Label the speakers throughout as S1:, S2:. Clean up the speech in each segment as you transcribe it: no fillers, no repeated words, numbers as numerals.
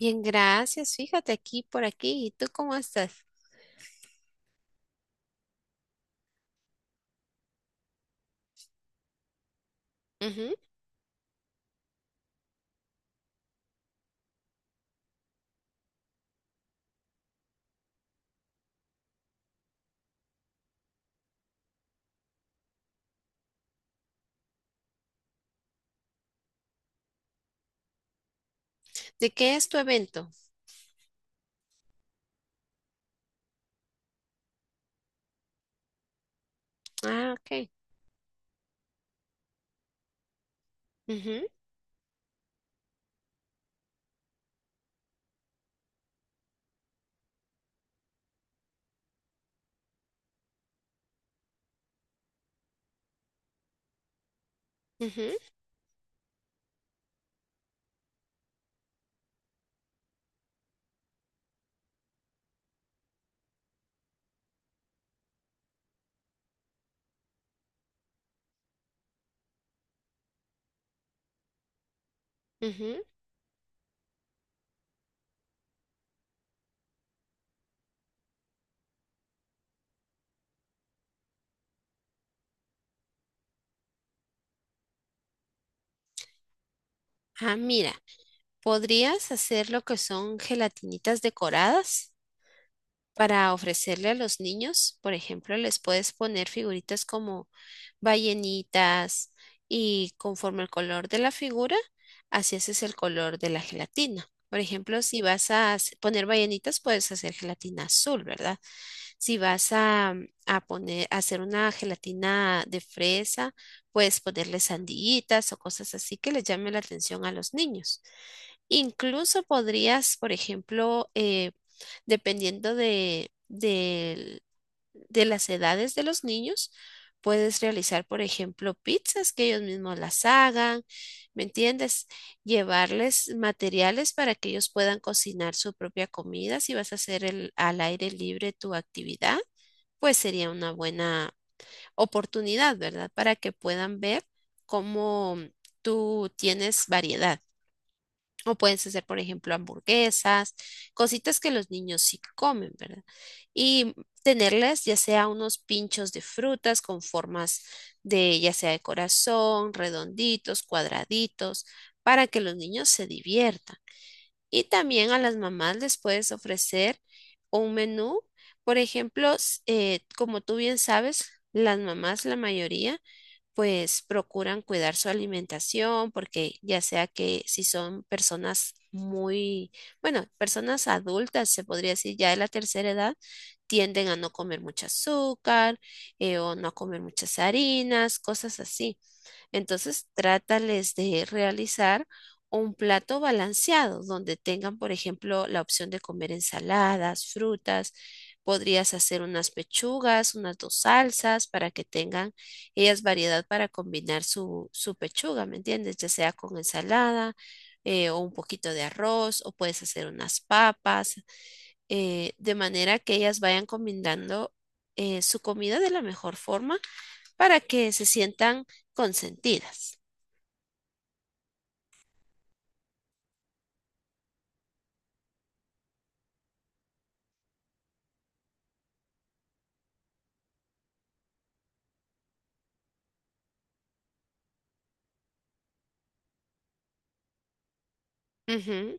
S1: Bien, gracias. Fíjate aquí por aquí. ¿Y tú cómo estás? Ujú. ¿De qué es tu evento? Ah, ok. Ujú, ujú, ujú. Ah, mira, podrías hacer lo que son gelatinitas decoradas para ofrecerle a los niños. Por ejemplo, les puedes poner figuritas como ballenitas y conforme el color de la figura, así haces el color de la gelatina. Por ejemplo, si vas a poner ballenitas, puedes hacer gelatina azul, ¿verdad? Si vas a poner, a hacer una gelatina de fresa, puedes ponerle sandillitas o cosas así que les llame la atención a los niños. Incluso podrías, por ejemplo, dependiendo de las edades de los niños, puedes realizar, por ejemplo, pizzas que ellos mismos las hagan, ¿me entiendes? Llevarles materiales para que ellos puedan cocinar su propia comida. Si vas a hacer al aire libre tu actividad, pues sería una buena oportunidad, ¿verdad? Para que puedan ver cómo tú tienes variedad. O puedes hacer, por ejemplo, hamburguesas, cositas que los niños sí comen, ¿verdad? Y tenerles ya sea unos pinchos de frutas con formas de, ya sea de corazón, redonditos, cuadraditos, para que los niños se diviertan. Y también a las mamás les puedes ofrecer un menú. Por ejemplo, como tú bien sabes, las mamás, la mayoría, pues procuran cuidar su alimentación porque ya sea que si son personas muy, bueno, personas adultas, se podría decir ya de la tercera edad, tienden a no comer mucho azúcar o no a comer muchas harinas, cosas así. Entonces, trátales de realizar un plato balanceado donde tengan, por ejemplo, la opción de comer ensaladas, frutas. Podrías hacer unas pechugas, unas dos salsas para que tengan ellas variedad para combinar su pechuga, ¿me entiendes? Ya sea con ensalada o un poquito de arroz o puedes hacer unas papas, de manera que ellas vayan combinando su comida de la mejor forma para que se sientan consentidas. Ujú.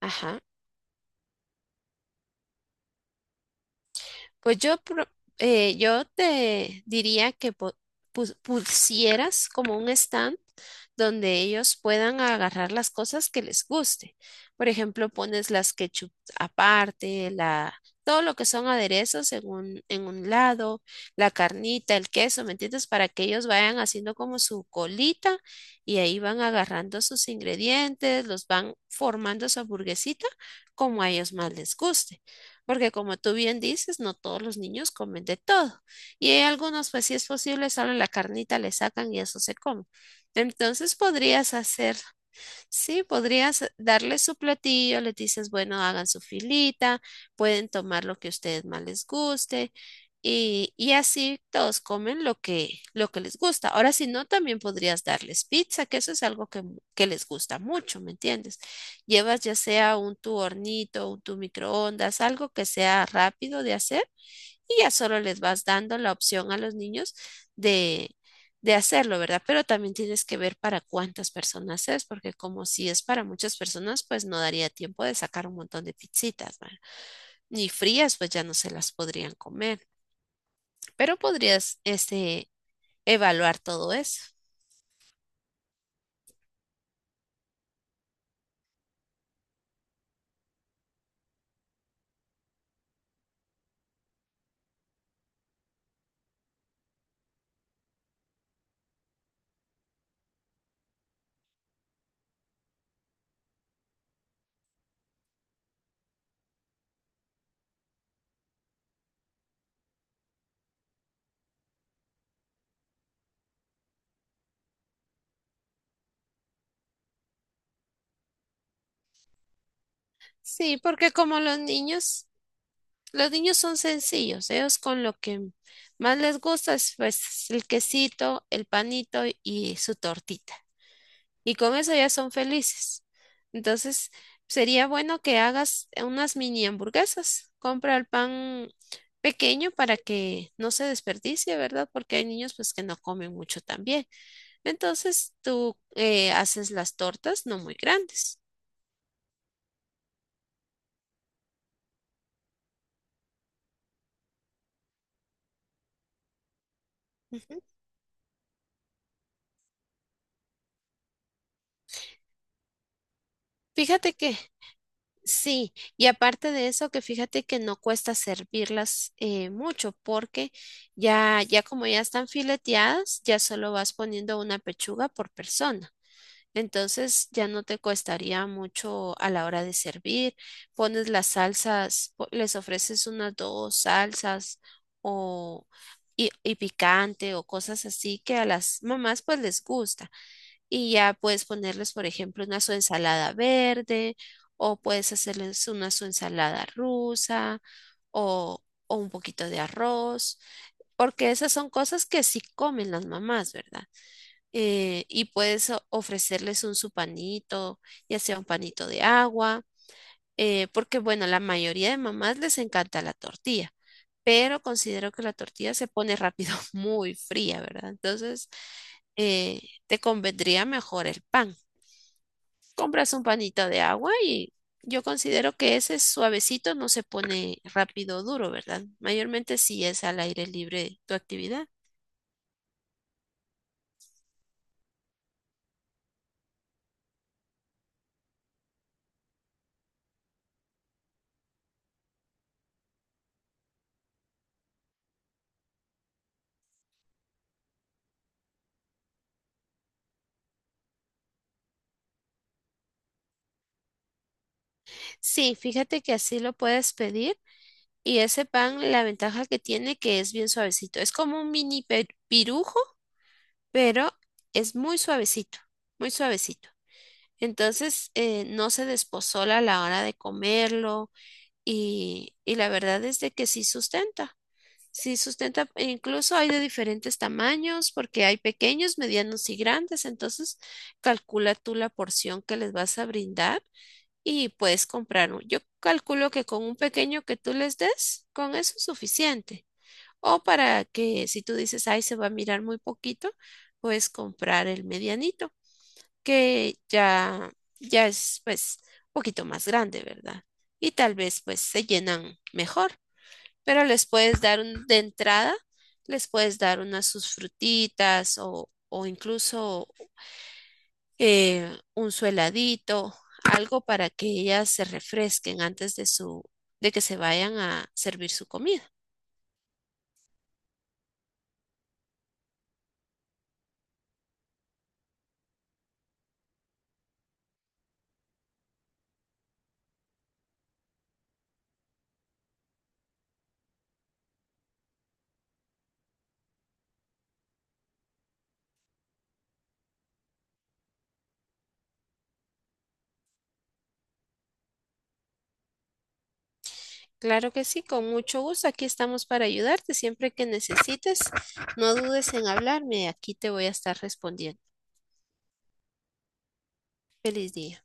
S1: Ajá. Pues yo, yo te diría que pusieras como un stand donde ellos puedan agarrar las cosas que les guste. Por ejemplo, pones las ketchup aparte, la, todo lo que son aderezos en un lado, la carnita, el queso, ¿me entiendes? Para que ellos vayan haciendo como su colita y ahí van agarrando sus ingredientes, los van formando su hamburguesita como a ellos más les guste porque como tú bien dices, no todos los niños comen de todo. Y hay algunos, pues si es posible, solo la carnita le sacan y eso se come. Entonces podrías hacer. Sí, podrías darle su platillo, les dices, bueno, hagan su filita, pueden tomar lo que a ustedes más les guste y así todos comen lo que les gusta. Ahora, si no, también podrías darles pizza, que eso es algo que, que les gusta mucho, ¿me entiendes? Llevas ya sea un tu hornito, un tu microondas, algo que sea rápido de hacer y ya solo les vas dando la opción a los niños de, de hacerlo, ¿verdad? Pero también tienes que ver para cuántas personas es, porque como si es para muchas personas, pues no daría tiempo de sacar un montón de pizzitas, ¿verdad? Ni frías, pues ya no se las podrían comer, pero podrías, este, evaluar todo eso. Sí, porque como los niños son sencillos, ellos con lo que más les gusta es pues el quesito, el panito y su tortita, y con eso ya son felices. Entonces, sería bueno que hagas unas mini hamburguesas. Compra el pan pequeño para que no se desperdicie, ¿verdad? Porque hay niños pues que no comen mucho también. Entonces, tú haces las tortas no muy grandes. Ujú. Fíjate que sí, y aparte de eso, que fíjate que no cuesta servirlas mucho porque ya como ya están fileteadas, ya solo vas poniendo una pechuga por persona. Entonces ya no te costaría mucho a la hora de servir. Pones las salsas, les ofreces unas dos salsas o y picante o cosas así que a las mamás pues les gusta. Y ya puedes ponerles, por ejemplo, una su ensalada verde o puedes hacerles una su ensalada rusa o un poquito de arroz, porque esas son cosas que sí comen las mamás, ¿verdad? Y puedes ofrecerles un su panito, ya sea un panito de agua, porque bueno, la mayoría de mamás les encanta la tortilla, pero considero que la tortilla se pone rápido muy fría, ¿verdad? Entonces, eh, te convendría mejor el pan. Compras un panito de agua y yo considero que ese suavecito no se pone rápido duro, ¿verdad? Mayormente si es al aire libre tu actividad. Sí, fíjate que así lo puedes pedir. Y ese pan, la ventaja que tiene que es bien suavecito. Es como un mini pirujo, pero es muy suavecito, muy suavecito. Entonces, no se despozola a la hora de comerlo y la verdad es de que sí sustenta. Sí sustenta, e incluso hay de diferentes tamaños porque hay pequeños, medianos y grandes. Entonces, calcula tú la porción que les vas a brindar y puedes comprar. Yo calculo que con un pequeño que tú les des, con eso es suficiente. O para que si tú dices, ay, se va a mirar muy poquito, puedes comprar el medianito, que ya es pues un poquito más grande, ¿verdad? Y tal vez pues se llenan mejor, pero les puedes dar de entrada, les puedes dar unas sus frutitas o incluso un su heladito, algo para que ellas se refresquen antes de su, de que se vayan a servir su comida. Claro que sí, con mucho gusto. Aquí estamos para ayudarte siempre que necesites. No dudes en hablarme, aquí te voy a estar respondiendo. Feliz día.